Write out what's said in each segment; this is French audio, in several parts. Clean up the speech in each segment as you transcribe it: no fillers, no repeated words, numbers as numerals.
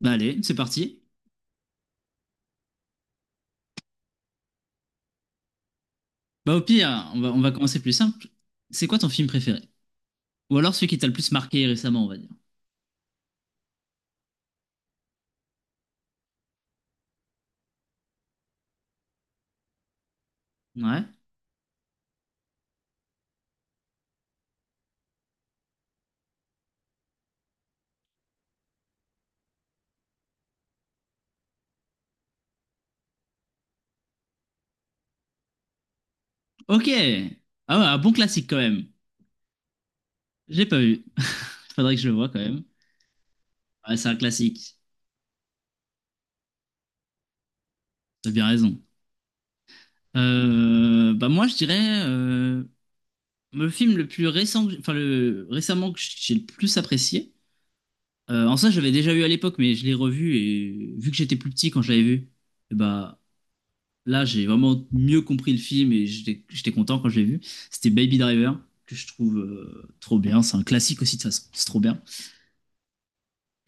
Bah allez, c'est parti. Bah au pire, on va commencer plus simple. C'est quoi ton film préféré? Ou alors celui qui t'a le plus marqué récemment, on va dire. Ouais. Ok. Ah ouais, un bon classique quand même. J'ai pas vu. Faudrait que je le voie quand même. Ouais, c'est un classique. T'as bien raison. Bah moi je dirais le film le plus récent, enfin le récemment que j'ai le plus apprécié. En soi, je l'avais déjà vu à l'époque, mais je l'ai revu et vu que j'étais plus petit quand je l'avais vu, et bah là, j'ai vraiment mieux compris le film et j'étais content quand je l'ai vu. C'était Baby Driver, que je trouve trop bien. C'est un classique aussi, de toute façon. C'est trop bien.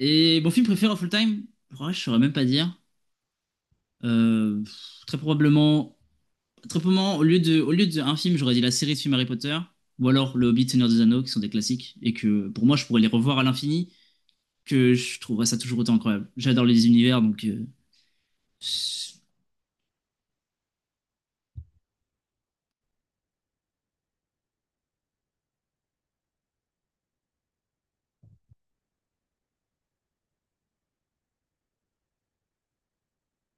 Et mon film préféré of all time, ouais, je saurais même pas dire. Euh, très probablement, très probablement, au lieu d'un film, j'aurais dit la série de films Harry Potter ou alors Le Hobbit, Seigneur des Anneaux, qui sont des classiques et que pour moi, je pourrais les revoir à l'infini, que je trouverais ça toujours autant incroyable. J'adore les univers,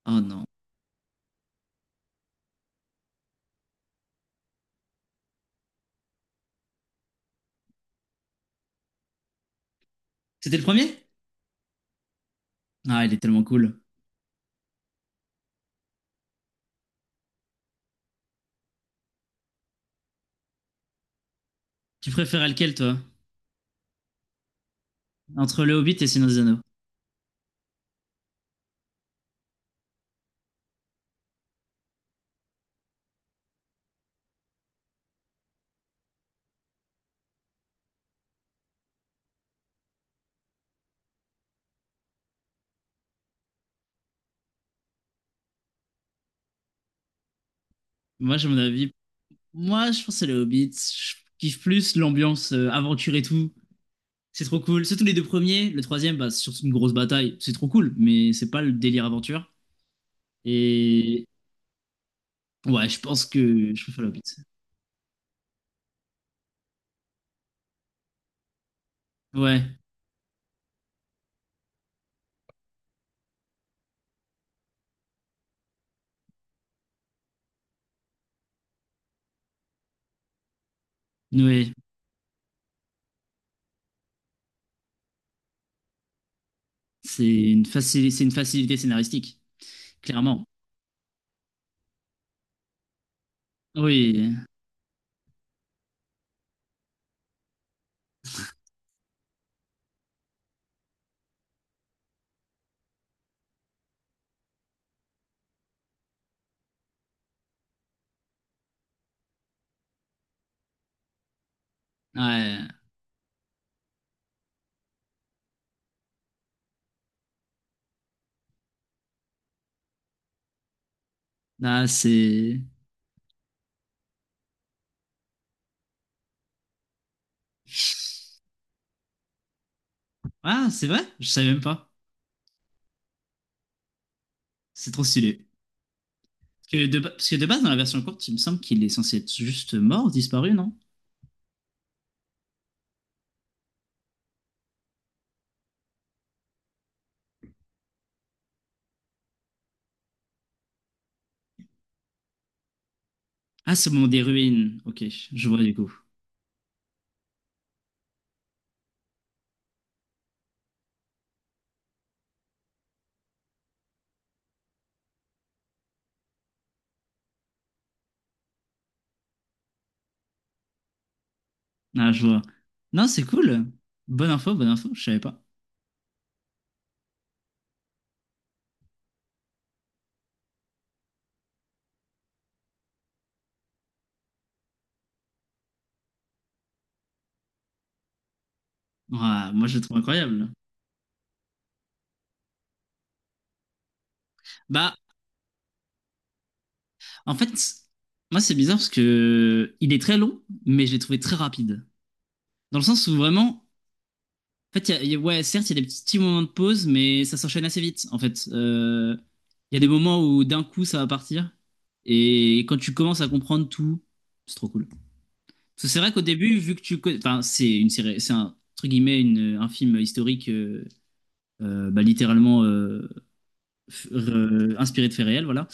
Oh non. C'était le premier? Ah, il est tellement cool. Tu préférais lequel, toi? Entre Le Hobbit et Seigneur des Anneaux. Moi, j'ai mon avis. Moi, je pense que c'est Le Hobbit. Je kiffe plus l'ambiance aventure et tout. C'est trop cool. Surtout les deux premiers. Le troisième, bah, c'est surtout une grosse bataille. C'est trop cool, mais c'est pas le délire aventure. Et ouais, je pense que je préfère Le Hobbit. Ouais, ouais. C'est une facilité scénaristique, clairement. Oui, ouais. Là c'est. Ah, c'est vrai? Je savais même pas. C'est trop stylé. Parce que de base, dans la version courte, il me semble qu'il est censé être juste mort, disparu, non? Ah, c'est au des ruines. Ok, je vois du coup. Ah, je vois. Non, c'est cool. Bonne info, je savais pas. Ah, moi, je le trouve incroyable. Bah, en fait, moi, c'est bizarre parce que il est très long, mais je l'ai trouvé très rapide. Dans le sens où vraiment, en fait, ouais, certes, il y a des petits petits moments de pause, mais ça s'enchaîne assez vite, en fait. Il y a des moments où d'un coup, ça va partir. Et quand tu commences à comprendre tout, c'est trop cool. Parce que c'est vrai qu'au début, vu que tu connais, enfin, c'est une série, c'est un entre guillemets une- un film historique, bah, littéralement inspiré de faits réels, voilà.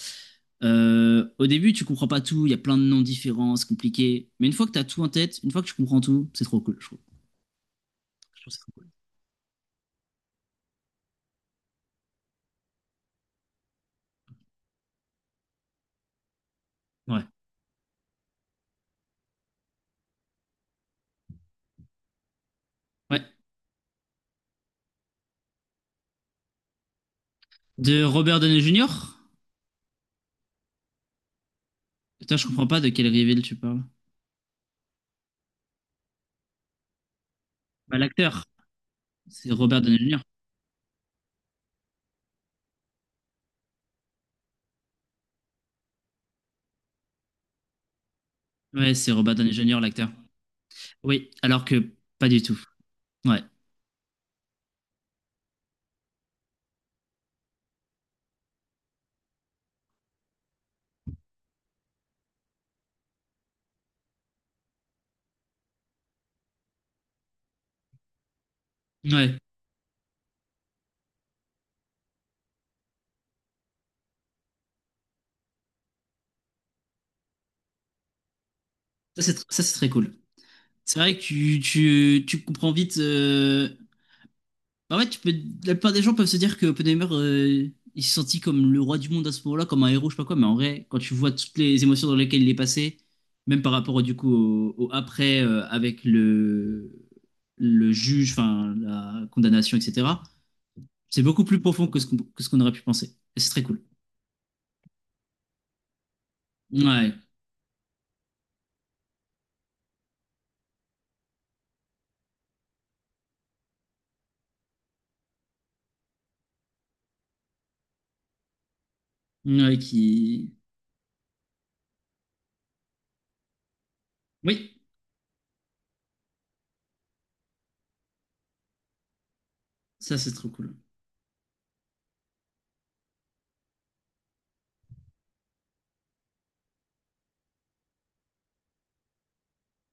Au début, tu comprends pas tout, il y a plein de noms différents, c'est compliqué. Mais une fois que tu as tout en tête, une fois que tu comprends tout, c'est trop cool, je trouve. Je trouve que c'est trop cool. Ouais. Ouais. De Robert Downey Jr. Putain, je comprends pas de quel reveal tu parles. Bah, l'acteur, c'est Robert Downey Jr. Ouais, c'est Robert Downey Jr. l'acteur. Oui, alors que pas du tout. Ouais. Ouais. Ça, c'est très cool. C'est vrai que tu comprends vite. En fait, tu peux... la plupart des gens peuvent se dire que Oppenheimer, il s'est senti comme le roi du monde à ce moment-là, comme un héros, je sais pas quoi, mais en vrai, quand tu vois toutes les émotions dans lesquelles il est passé, même par rapport du coup au après avec le juge, enfin la condamnation, etc., c'est beaucoup plus profond que ce qu'on aurait pu penser. Et c'est très cool. Ouais. Ouais, qui. Oui, ça c'est trop cool.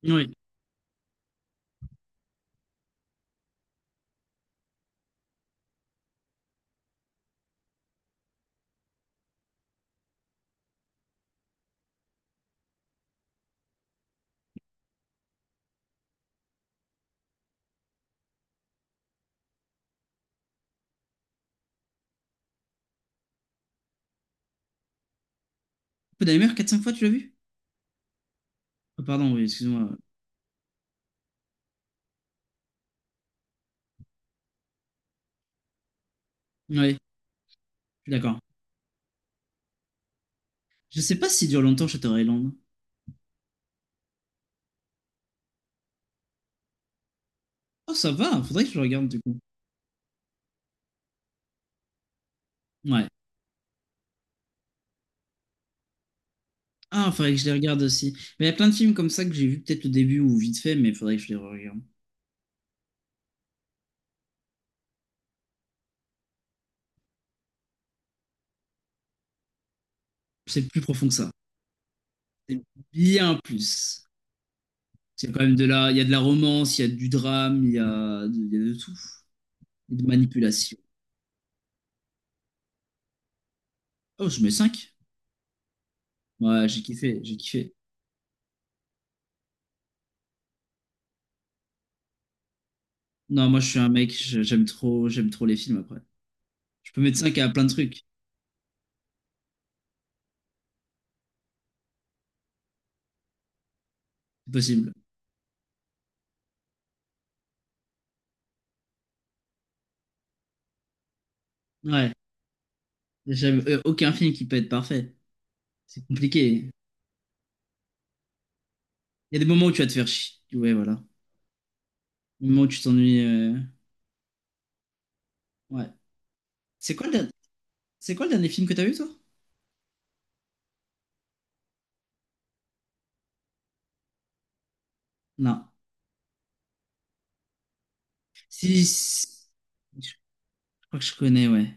Oui. Oppenheimer, quatre cinq fois, tu l'as vu? Oh, pardon, oui, excuse-moi. Ouais, je suis d'accord. Je sais pas si dure longtemps Shutter Island. Oh, ça va, faudrait que je le regarde du coup. Ouais. Ah, faudrait que je les regarde aussi. Mais il y a plein de films comme ça que j'ai vu peut-être le début ou vite fait, mais faudrait que je les regarde. C'est plus profond que ça. C'est bien plus. C'est quand même de la... Il y a de la romance, il y a du drame, il y a de tout. Et de manipulation. Oh, je mets 5. Ouais, j'ai kiffé, j'ai kiffé. Non, moi je suis un mec, j'aime trop les films après. Je peux mettre cinq à plein de trucs, c'est possible. Ouais, j'aime aucun film qui peut être parfait. C'est compliqué. Il y a des moments où tu vas te faire chier. Ouais, voilà. Des moments où tu t'ennuies. Ouais. C'est quoi le, der- c'est quoi le dernier film que t'as vu, toi? Non. Si... si, je crois que je connais, ouais.